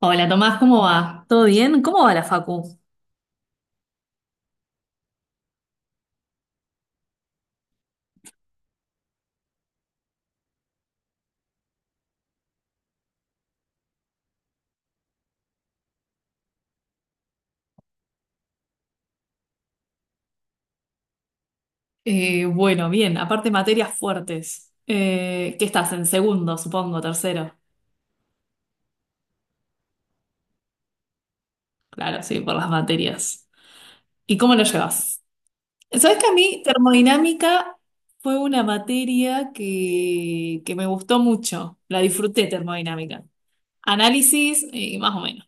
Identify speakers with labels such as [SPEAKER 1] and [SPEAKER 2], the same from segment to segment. [SPEAKER 1] Hola Tomás, ¿cómo va? ¿Todo bien? ¿Cómo va la facu? Bueno, bien, aparte materias fuertes. ¿Qué estás? En segundo, supongo, tercero. Claro, sí, por las materias. ¿Y cómo lo llevas? Sabes que a mí termodinámica fue una materia que me gustó mucho. La disfruté termodinámica. Análisis, más o menos.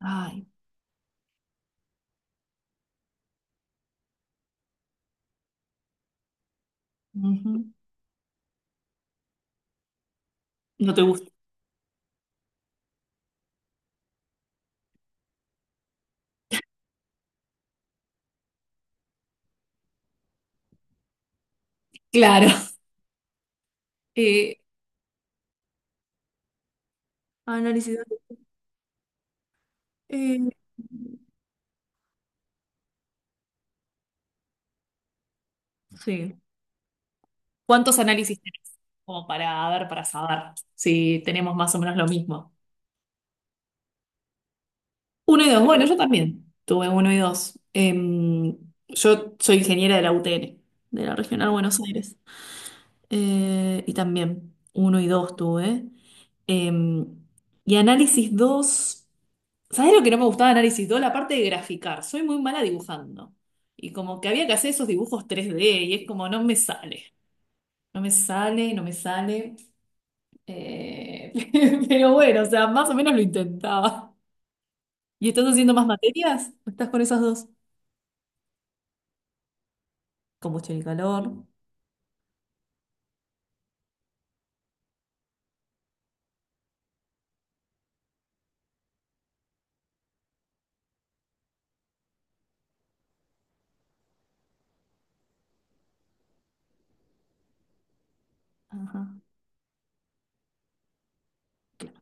[SPEAKER 1] Ay, ujú. No te gusta. Claro. Eh, Análisis. eh, Sí. ¿Cuántos análisis tenés? Como para, a ver, para saber si tenemos más o menos lo mismo. Uno y dos. Bueno, yo también tuve uno y dos. Yo soy ingeniera de la UTN, de la Regional Buenos Aires. Y también uno y dos tuve. Em, y análisis dos. ¿Sabés lo que no me gustaba de análisis dos? La parte de graficar. Soy muy mala dibujando. Y como que había que hacer esos dibujos tres d y es como no me sale. No me sale. Eh, pero bueno, o sea, más o menos lo intentaba. ¿Y estás haciendo más materias? ¿O estás con esas dos? Combustión y calor. Ajá, claro.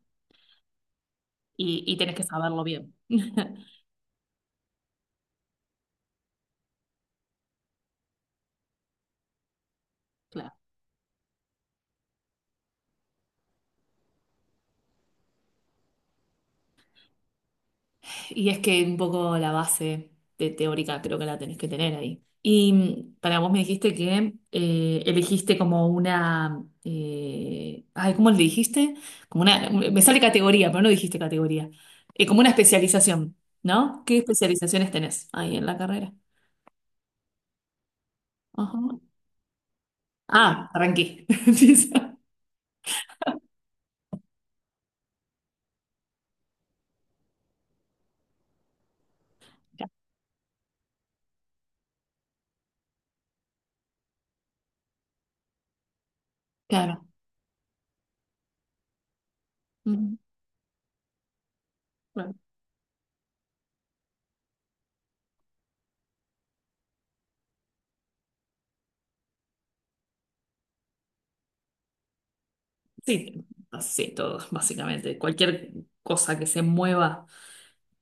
[SPEAKER 1] Y tenés que saberlo bien. Claro. Y es que un poco la base de teórica creo que la tenés que tener ahí. Y mm, para vos me dijiste que elegiste como una... ay, ¿cómo le dijiste? Como una... Me sale categoría, pero no dijiste categoría. Como una especialización, ¿no? ¿Qué especializaciones tenés ahí en la carrera? Ajá. Ah, arranqué. Empieza. Claro. Ujú. Claro. Sí, sí, todo, básicamente. Cualquier cosa que se mueva,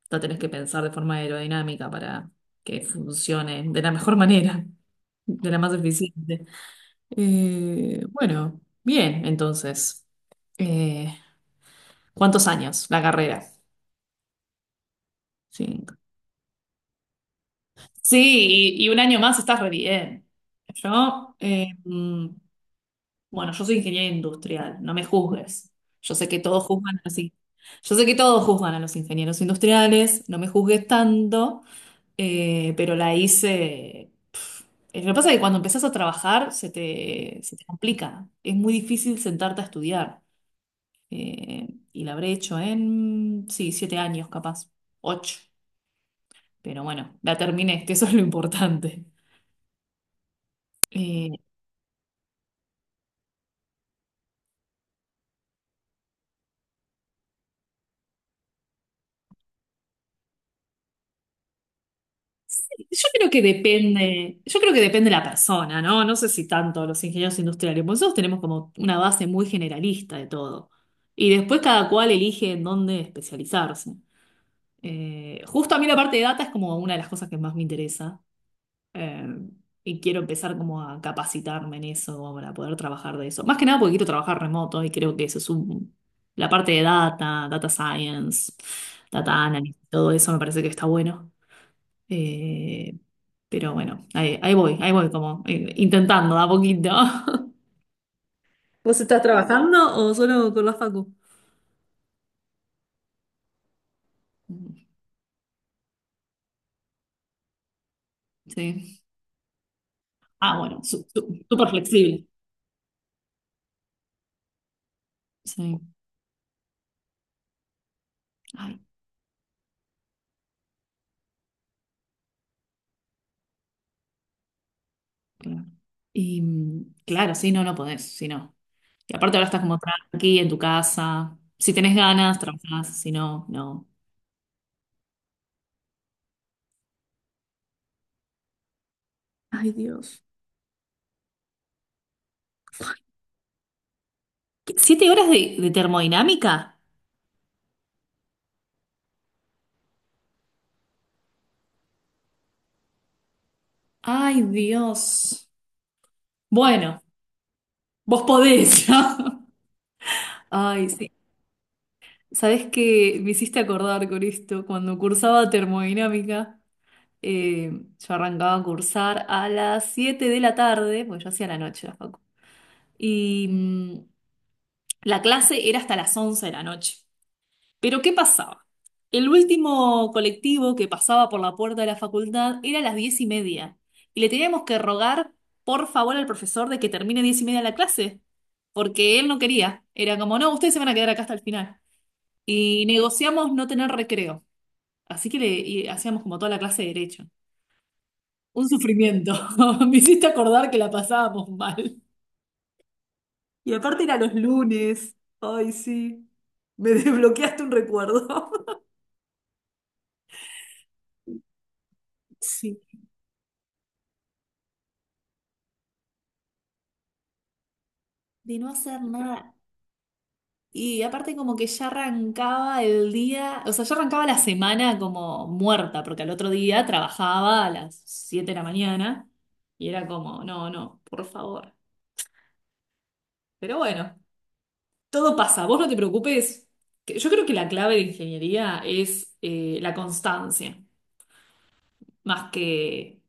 [SPEAKER 1] la tenés que pensar de forma aerodinámica para que funcione de la mejor manera, de la más eficiente. Bueno, bien, entonces. Eh, ¿Cuántos años la carrera? Cinco. Sí, y un año más estás re bien. Yo, eh, mm, Bueno, yo soy ingeniero industrial, no me juzgues. Yo sé que todos juzgan así. Yo sé que todos juzgan a los ingenieros industriales, no me juzgues tanto, pero la hice. Pf. Lo que pasa es que cuando empezás a trabajar se te complica. Es muy difícil sentarte a estudiar. Y la habré hecho en, sí, siete años capaz, ocho. Pero bueno, la terminé, que eso es lo importante. Eh, Yo creo que depende, yo creo que depende de la persona, ¿no? No sé si tanto los ingenieros industriales, porque nosotros tenemos como una base muy generalista de todo. Y después cada cual elige en dónde especializarse. Justo a mí la parte de data es como una de las cosas que más me interesa. eh, y quiero empezar como a capacitarme en eso para poder trabajar de eso. Más que nada porque quiero trabajar remoto y creo que eso es un, la parte de data, data science, data analysis, todo eso me parece que está bueno. Eh, pero bueno, ahí voy como intentando de a poquito. ¿Vos estás trabajando o solo con la facu? Sí. Ah, bueno, súper flexible. Sí. Ay, claro. Y mm, claro, sí, no, no podés, si no. Y aparte ahora estás como tranqui en tu casa. Si tenés ganas, trabajás, si no, no. Ay, Dios. ¿Qué? ¿Siete horas de termodinámica? Ay, Dios. Bueno, vos podés. ¿No? Ay, sí. ¿Sabes que me hiciste acordar con esto? Cuando cursaba termodinámica, eh, yo arrancaba a cursar a las 7 de la tarde, pues yo hacía la noche la facu. Y mm, la clase era hasta las 11 de la noche. Pero ¿qué pasaba? El último colectivo que pasaba por la puerta de la facultad era a las 10 y media. Y le teníamos que rogar, por favor, al profesor de que termine 10 y media la clase. Porque él no quería. Era como, no, ustedes se van a quedar acá hasta el final. Y negociamos no tener recreo. Así que le y hacíamos como toda la clase de derecho. Un sufrimiento. Me hiciste acordar que la pasábamos mal. Y aparte era los lunes. Ay, sí. Me desbloqueaste un recuerdo. Sí. De no hacer nada. Y aparte como que ya arrancaba el día, o sea, ya arrancaba la semana como muerta, porque al otro día trabajaba a las 7 de la mañana y era como, no, no, por favor. Pero bueno. Todo pasa, vos no te preocupes. Que- yo creo que la clave de ingeniería es la constancia, más que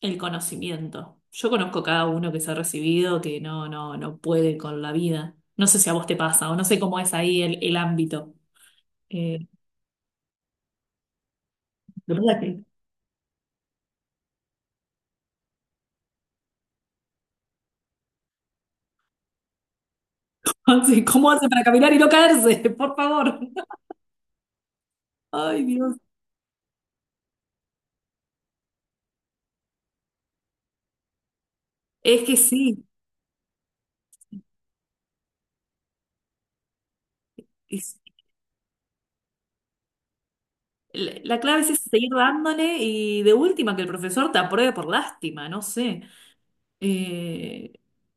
[SPEAKER 1] el conocimiento. Yo conozco cada uno que se ha recibido que no puede con la vida. No sé si a vos te pasa o no sé cómo es ahí el ámbito. Eh, lo que pasa es que- sí, ¿cómo hace para caminar y no caerse? Por favor. Ay, Dios. Es que sí. Es- la clave es eso, seguir dándole y de última que el profesor te apruebe por lástima, no sé. Eh,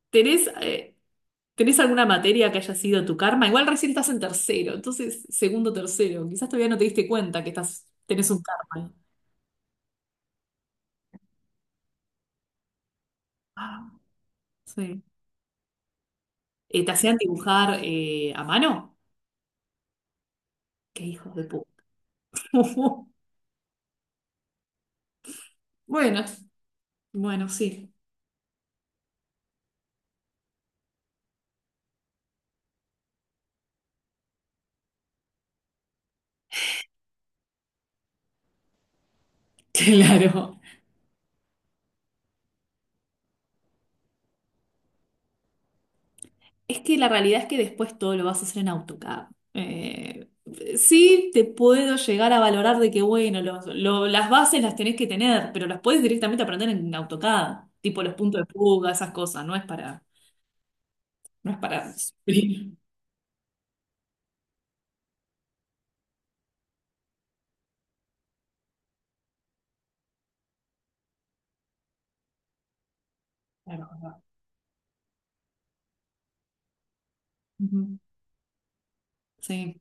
[SPEAKER 1] ¿Tenés, tenés alguna materia que haya sido tu karma? Igual recién estás en tercero, entonces segundo, tercero. Quizás todavía no te diste cuenta que estás, tenés un karma. Ah, sí. ¿Te hacían dibujar a mano? Qué hijos de puta. Bueno, bueno, sí. Claro. Es que la realidad es que después todo lo vas a hacer en AutoCAD. Eh, sí, te puedo llegar a valorar de que, bueno, las bases las tenés que tener, pero las puedes directamente aprender en AutoCAD, tipo los puntos de fuga, esas cosas, no es para sufrir. Claro, claro. Ujú, sí,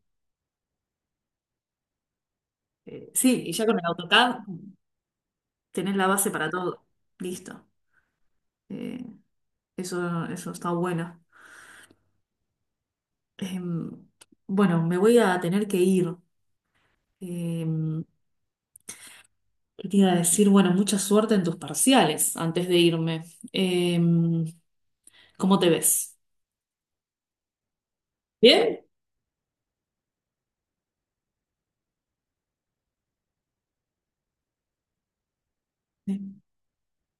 [SPEAKER 1] Sí, y ya con el AutoCAD tenés la base para todo. Listo. Eh, eso está bueno. Em, bueno, me voy a tener que ir. Em, ¿Qué te iba a decir? Bueno, mucha suerte en tus parciales antes de irme. Em, ¿Cómo te ves? ¿Bien? Sí.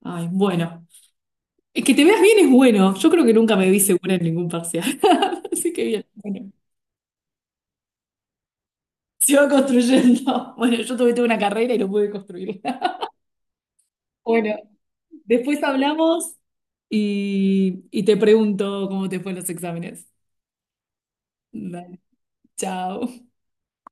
[SPEAKER 1] Ay, bueno. Es que te veas bien es bueno. Yo creo que nunca me vi segura en ningún parcial. Así que bien. Bueno, se va construyendo. Bueno, tuve una carrera y no pude construirla. Bueno, después hablamos y te pregunto cómo te fue en los exámenes. Dale, chao.